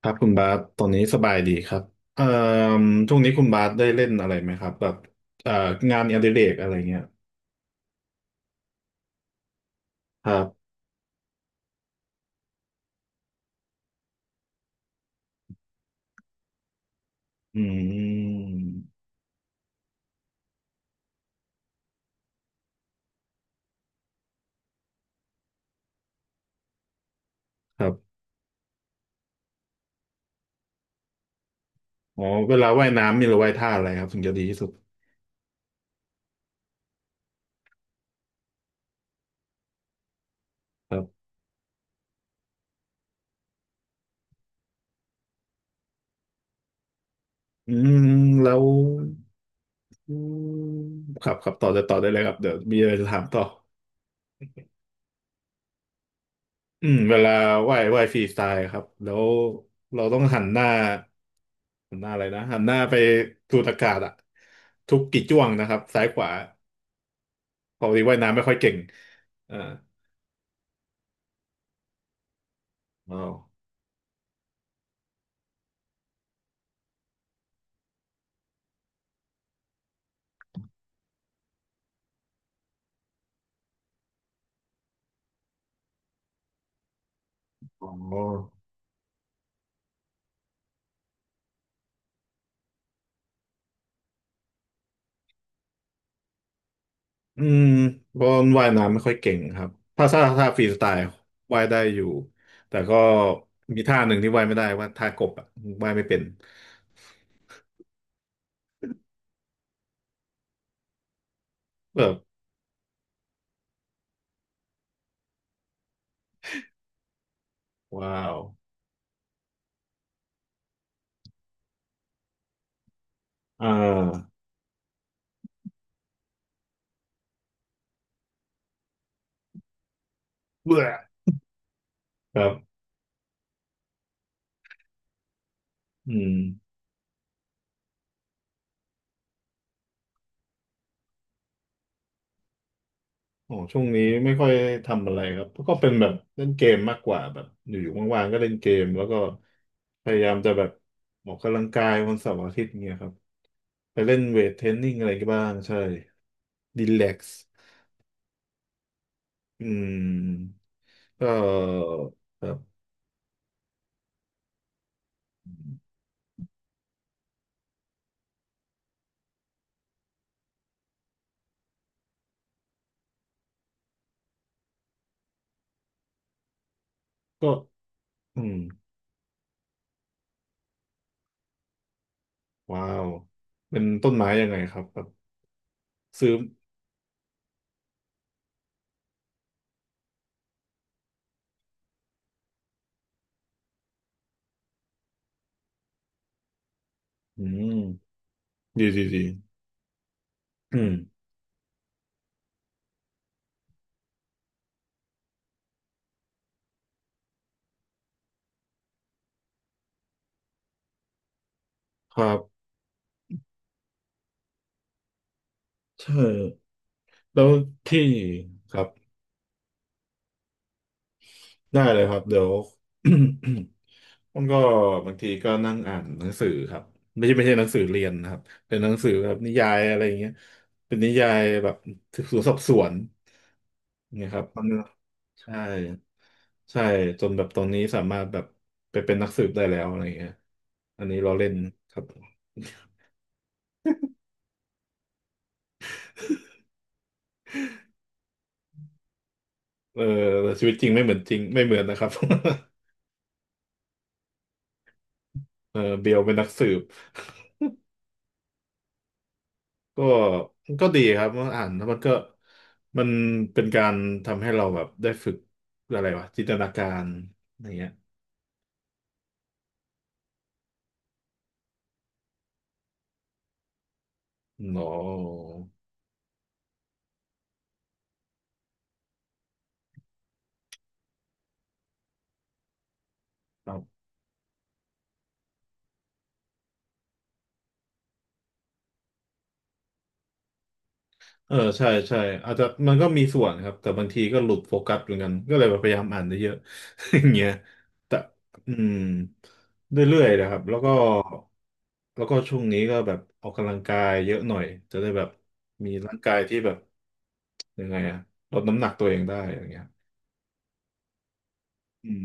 ครับคุณบาสตอนนี้สบายดีครับเอ่อช่วงนี้คุณบาสได้เล่นอะไรไหมครับแบบเอ่องานอดิเรกอะไรเงี้ยครับอืมครับอ๋อเวลาว่ายน้ำมีหรือว่ายท่าอะไรครับถึงจะดีที่สุดครับอืมแล้วอืมครับครับต่อได้ต่อได้เลยครับเดี๋ยวมีอะไรจะถามต่ออืมเวลาว่ายฟรีสไตล์ครับแล้วเราต้องหันหน้าหันหน้าอะไรนะหันหน้าไปสูดอากาศอะทุกกี่จ้วงนะครับซ้ายขวา ปกติว่ายน้ำไม่ค่อยเก่งอ่าอ๋ออ๋ออืมบอลว่ายน้ำไม่ค่อยเก่งครับถ้าฟรีสไตล์ว่ายได้อยู่แต่ก็มีท่าหนึ่งที่ว่ายไม่ได้ว่าท่ากบอ่ะว่ายไม่เป็นแบบว้าวอ่าเบื่อครับอืม อ๋อช่วงนี้ไม่ค่อยทำอะไรครับก็เป็นแบบเล่นเกมมากกว่าแบบอยู่ๆว่างๆก็เล่นเกมแล้วก็พยายามจะแบบออกกำลังกายวันเสาร์อาทิตย์เงี้ยครับไปเล่นเวทเทรนนิ่งอะไรกันบ้างใช่ดีแลกซ์อืมก็แบบก็อืมว้าวเป็นต้นไม้ยังไงครับแบบซื้ออืมดีดีดีอืมครับใช่แล้วที่ครับได้เลยครับเดี๋ยว มันก็บางทีก็นั่งอ่านหนังสือครับไม่ใช่ไม่ใช่หนังสือเรียนนะครับเป็นหนังสือแบบนิยายอะไรอย่างเงี้ยเป็นนิยายแบบสืบสวนสอบสวนอย่เงี้ยครับมันใช่ใช่จนแบบตอนนี้สามารถแบบไปเป็นนักสืบได้แล้วอะไรอย่างเงี้ยอันนี้เราเล่นครับเออชีวิตจริงไม่เหมือนจริงไม่เหมือนนะครับ เออเบลเป็นนักสืบ ก็ก็ดีครับเมื่ออ่านแล้วมันก็มันเป็นการทำให้เราแบบได้ฝึกอะไรวะจินตนาการอะไรเงี้ยหรอครับเออใช่ใช่อาจจะมันก็มีส่วนครับแต่บางทีก็หลุดโฟกัสเหมือนกันก็เลยพยายามอ่านเยอะ ๆอย่างเงี้ยแต่อืมเรื่อยๆนะครับแล้วก็แล้วก็ช่วงนี้ก็แบบออกกำลังกายเยอะหน่อยจะได้แบบมีร่างกายที่แบบยังไงอะลดน้ำหนักตัวเองได้อย่างเงี้ยอืม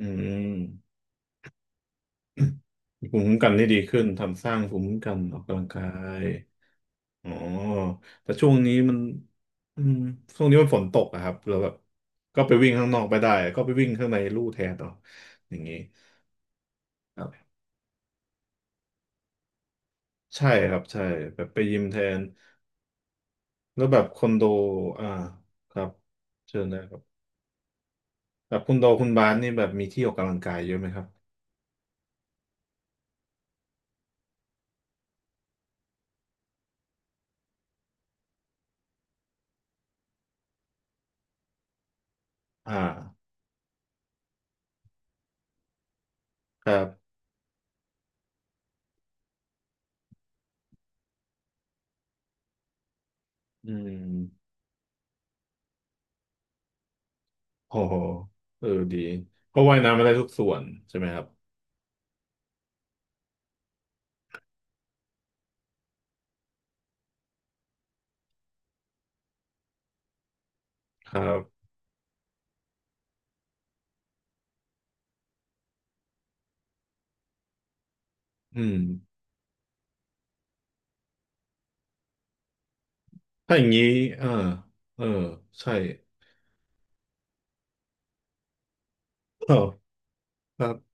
อืม ภูมิคุ้มกันที่ดีขึ้นทำสร้างภูมิคุ้มกันออกกำลังกายอ๋อแต่ช่วงนี้มันอืมช่วงนี้มันฝนตกอะครับเราแบบก็ไปวิ่งข้างนอกไปได้ก็ไปวิ่งข้างในลู่แทนเอาอย่างนี้ครับใช่ครับใช่แบบไปยิมแทนแล้วแบบคอนโดอ่าครับเชิญนะครับแบบคุณโดคุณบาสนี่แบบมีที่ออกกำลังกายเยอะไหมครับอ่าครับอืมโอ้โหเออดีเพราะว่ายน้ำไม่ได้ทุกส่วนใช่ไหมครับครับอืม ถ้าอย่างนี้อ่าเออใช่เออครับ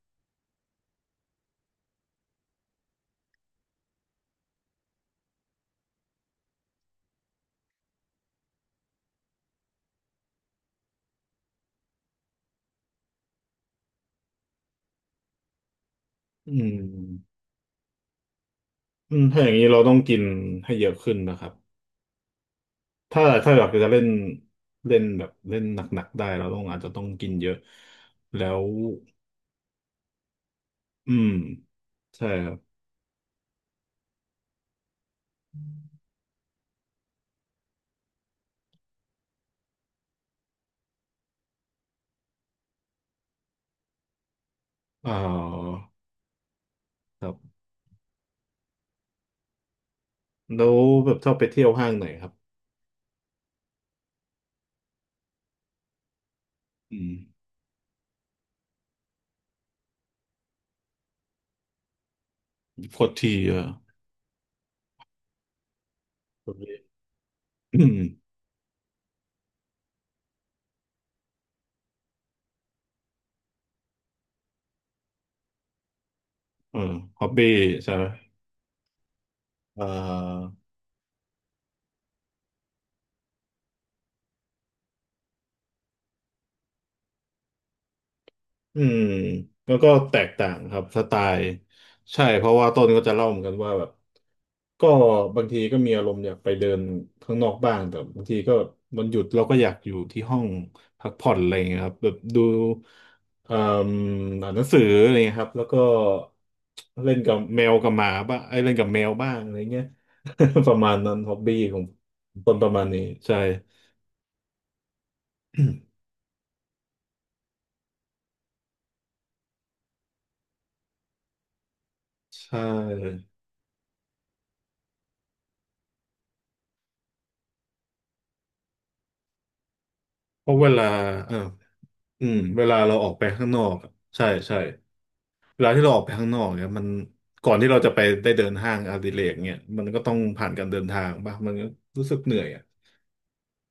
อืมอืมถ้าอย่างนี้เราต้องกินให้เยอะขึ้นนะครับ ถ้าอยากจะเล่นเล่นแบบเล่นหนักๆได้เราต้องอาจจะต้องกินเยอะ แล้วอืมใช่ครับอ่าแล้วแบบชอบไปเที่ยวห้างไหนครับอืมโคตรทีเออฮอบบี้อืมเออฮอบบี้ใช่ไหมอ่า อืมแล้วก็แตกต่างครับสไตล์ใช่เพราะว่าต้นก็จะเล่าเหมือนกันว่าแบบก็บางทีก็มีอารมณ์อยากไปเดินข้างนอกบ้างแต่บางทีก็วันหยุดเราก็อยากอยู่ที่ห้องพักผ่อนอะไรอย่างเงี้ยครับแบบดูเอ่มอ่านหนังสืออะไรอย่างเงี้ยครับแล้วก็เล่นกับแมวกับหมาบ้างไอ้ยเล่นกับแมวบ้างอะไรเงี้ย ประมาณนั้นฮ็อบบี้ของต้นประมาณนี้ใช่ ใช่เพราะเวลาเออ อืมเวลาเราออกไปข้างนอกอะใช่ใช่เวลาที่เราออกไปข้างนอกเนี่ยมันก่อนที่เราจะไปได้เดินห้างอดิเรกเนี่ยมันก็ต้องผ่านการเดินทางป่ะมันก็รู้สึกเหนื่อยอ่ะ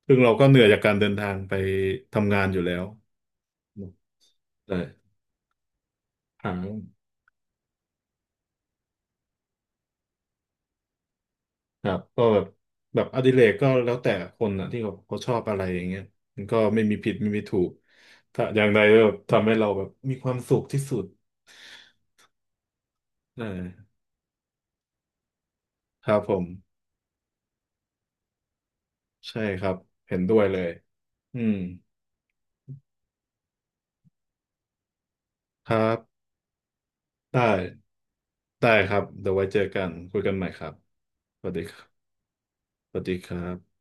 ซึ่งเราก็เหนื่อยจากการเดินทางไปทำงานอยู่แล้วใช่หาครับก็แบบแบบอดิเรกก็แล้วแต่คนอ่ะที่เขาชอบอะไรอย่างเงี้ยมันก็ไม่มีผิดไม่มีถูกถ้าอย่างใดก็ทำให้เราแบบมีความสุขที่สุดใช่ครับผมใช่ครับเห็นด้วยเลยอืมครับ ได้ ได้ครับเดี๋ยวไว้เจอกัน คุยกันใหม่ครับสวัสดีครับสวัสดีครับ